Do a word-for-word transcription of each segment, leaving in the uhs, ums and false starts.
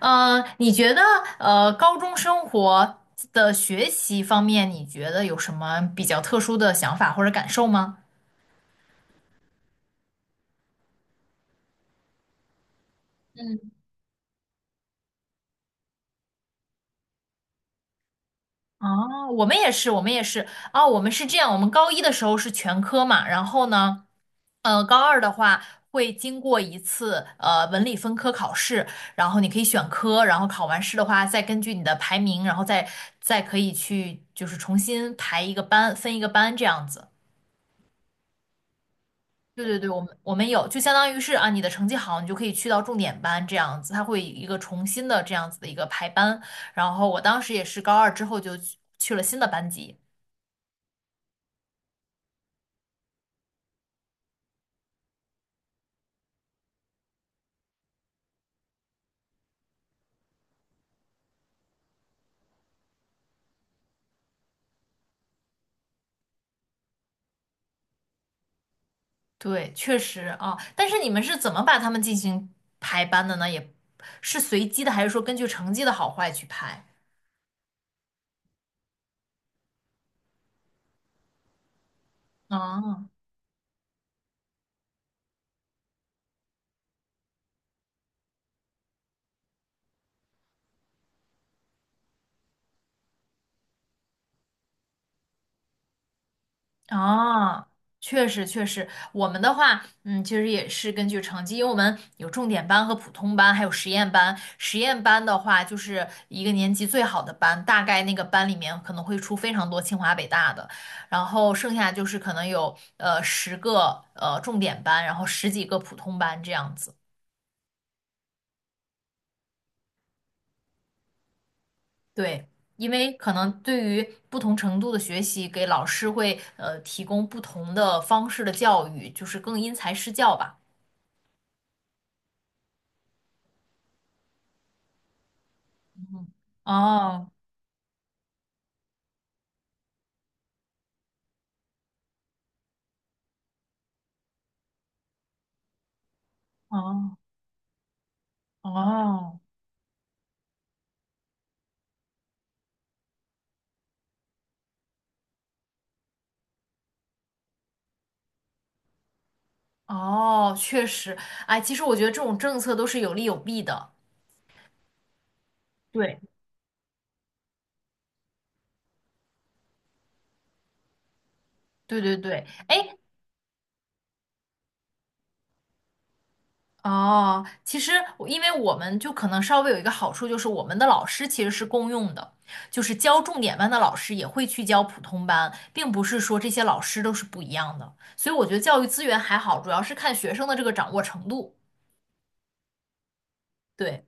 嗯，你觉得呃，高中生活的学习方面，你觉得有什么比较特殊的想法或者感受吗？哦，我们也是，我们也是，哦，我们是这样，我们高一的时候是全科嘛，然后呢，呃，高二的话会经过一次呃文理分科考试，然后你可以选科，然后考完试的话，再根据你的排名，然后再再可以去就是重新排一个班，分一个班这样子。对对对，我们我们有，就相当于是啊，你的成绩好，你就可以去到重点班这样子，它会一个重新的这样子的一个排班。然后我当时也是高二之后就去去了新的班级。对，确实啊，但是你们是怎么把他们进行排班的呢？也是随机的，还是说根据成绩的好坏去排？啊，哦，确实确实，我们的话，嗯，其实也是根据成绩，因为我们有重点班和普通班，还有实验班。实验班的话，就是一个年级最好的班，大概那个班里面可能会出非常多清华北大的，然后剩下就是可能有呃十个呃重点班，然后十几个普通班这样子。对，因为可能对于不同程度的学习，给老师会呃提供不同的方式的教育，就是更因材施教吧。哦，哦哦哦，确实，哎，其实我觉得这种政策都是有利有弊的。对，对对对，哎，哦，其实我因为我们就可能稍微有一个好处，就是我们的老师其实是共用的，就是教重点班的老师也会去教普通班，并不是说这些老师都是不一样的，所以我觉得教育资源还好，主要是看学生的这个掌握程度。对。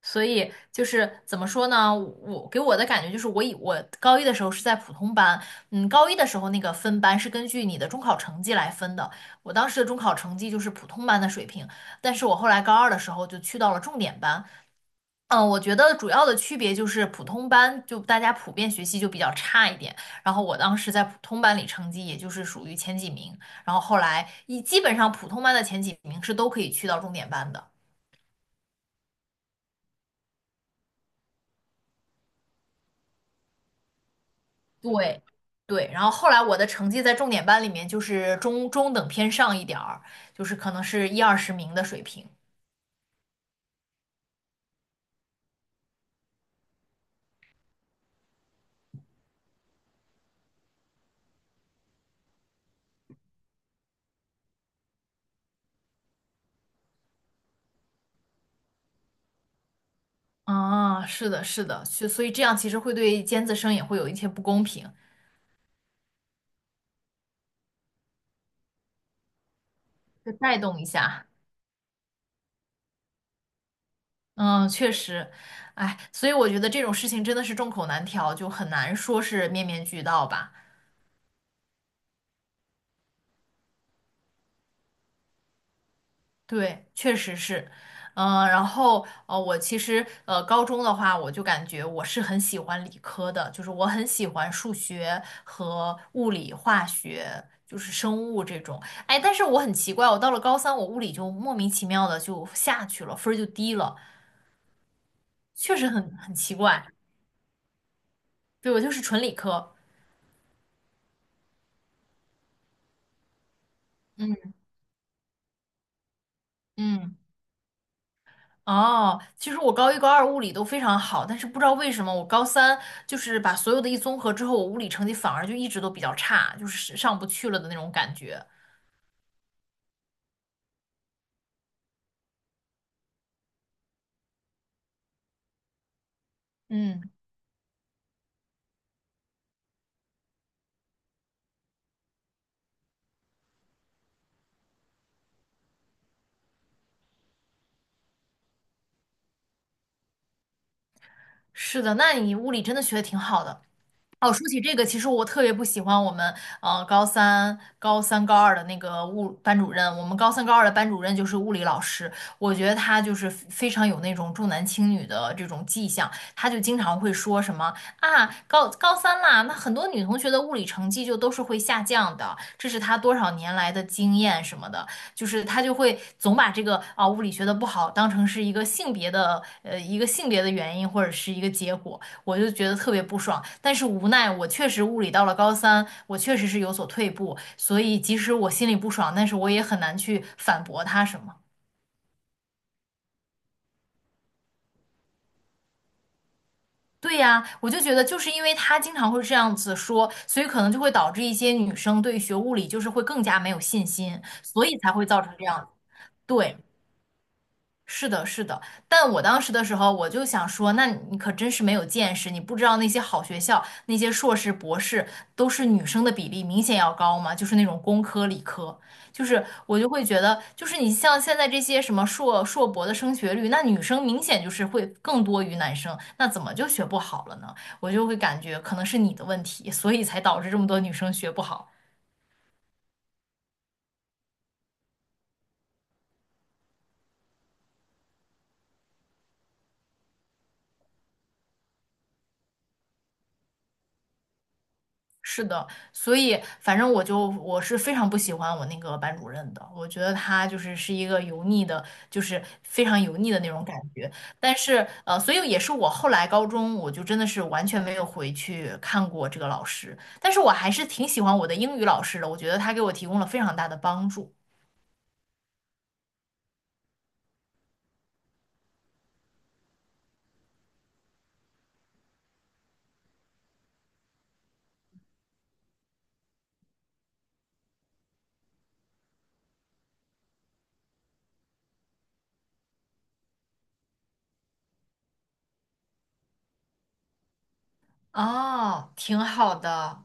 所以就是怎么说呢？我给我的感觉就是我，以我高一的时候是在普通班，嗯，高一的时候那个分班是根据你的中考成绩来分的。我当时的中考成绩就是普通班的水平，但是我后来高二的时候就去到了重点班。嗯，我觉得主要的区别就是普通班就大家普遍学习就比较差一点，然后我当时在普通班里成绩也就是属于前几名，然后后来一基本上普通班的前几名是都可以去到重点班的。对对，然后后来我的成绩在重点班里面就是中中等偏上一点儿，就是可能是一二十名的水平。啊，是的，是的，所所以这样其实会对尖子生也会有一些不公平，就带动一下。嗯，确实，哎，所以我觉得这种事情真的是众口难调，就很难说是面面俱到吧。对，确实是，嗯、然后呃，我其实呃，高中的话，我就感觉我是很喜欢理科的，就是我很喜欢数学和物理、化学，就是生物这种。哎，但是我很奇怪，我到了高三，我物理就莫名其妙的就下去了，分儿就低了，确实很很奇怪。对，我就是纯理科，嗯。哦，其实我高一、高二物理都非常好，但是不知道为什么我高三就是把所有的一综合之后，我物理成绩反而就一直都比较差，就是上不去了的那种感觉。嗯，是的，那你物理真的学的挺好的。哦，说起这个，其实我特别不喜欢我们呃高三、高三、高二的那个物班主任。我们高三、高二的班主任就是物理老师，我觉得他就是非非常有那种重男轻女的这种迹象。他就经常会说什么啊，高高三啦，那很多女同学的物理成绩就都是会下降的，这是他多少年来的经验什么的，就是他就会总把这个啊物理学的不好当成是一个性别的呃一个性别的原因或者是一个结果。我就觉得特别不爽。但是无奈，我确实物理到了高三，我确实是有所退步，所以即使我心里不爽，但是我也很难去反驳他什么。对呀，我就觉得就是因为他经常会这样子说，所以可能就会导致一些女生对学物理就是会更加没有信心，所以才会造成这样。对。是的，是的，但我当时的时候，我就想说，那你可真是没有见识，你不知道那些好学校，那些硕士、博士都是女生的比例明显要高嘛，就是那种工科、理科，就是我就会觉得，就是你像现在这些什么硕硕博的升学率，那女生明显就是会更多于男生，那怎么就学不好了呢？我就会感觉可能是你的问题，所以才导致这么多女生学不好。是的，所以反正我就我是非常不喜欢我那个班主任的，我觉得他就是是一个油腻的，就是非常油腻的那种感觉。但是呃，所以也是我后来高中我就真的是完全没有回去看过这个老师，但是我还是挺喜欢我的英语老师的，我觉得他给我提供了非常大的帮助。哦，挺好的。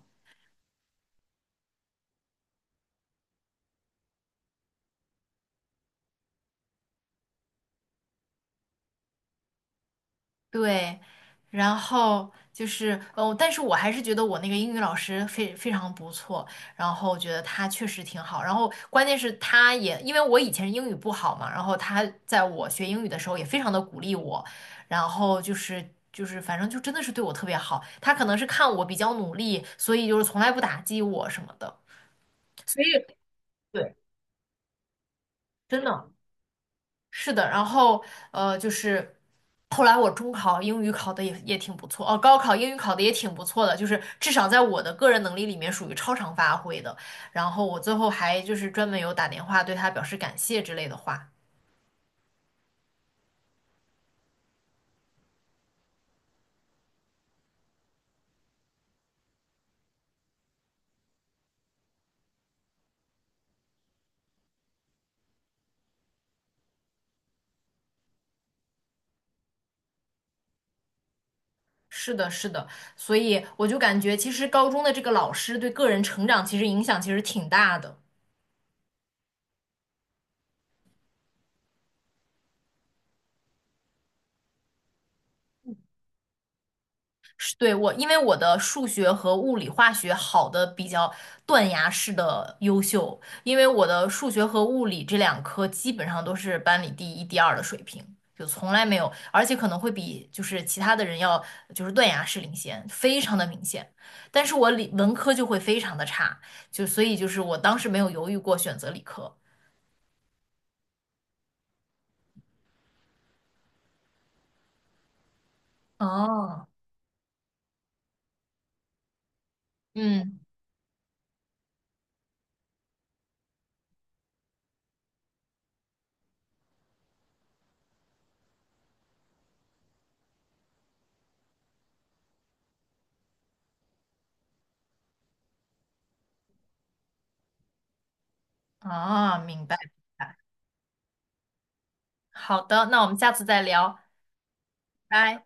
对，然后就是哦，但是我还是觉得我那个英语老师非非常不错，然后我觉得他确实挺好，然后关键是他也因为我以前英语不好嘛，然后他在我学英语的时候也非常的鼓励我，然后就是就是反正就真的是对我特别好，他可能是看我比较努力，所以就是从来不打击我什么的，所以对，真的。是的，然后呃，就是后来我中考英语考的也也挺不错，哦，高考英语考的也挺不错的，就是至少在我的个人能力里面属于超常发挥的。然后我最后还就是专门有打电话对他表示感谢之类的话。是的，是的，所以我就感觉其实高中的这个老师对个人成长其实影响其实挺大的。对，我，因为我的数学和物理、化学好的比较断崖式的优秀，因为我的数学和物理这两科基本上都是班里第一、第二的水平，就从来没有，而且可能会比就是其他的人要就是断崖式领先，非常的明显。但是我理文科就会非常的差，就所以就是我当时没有犹豫过选择理科。哦，嗯，哦，明白明白。好的，那我们下次再聊，拜。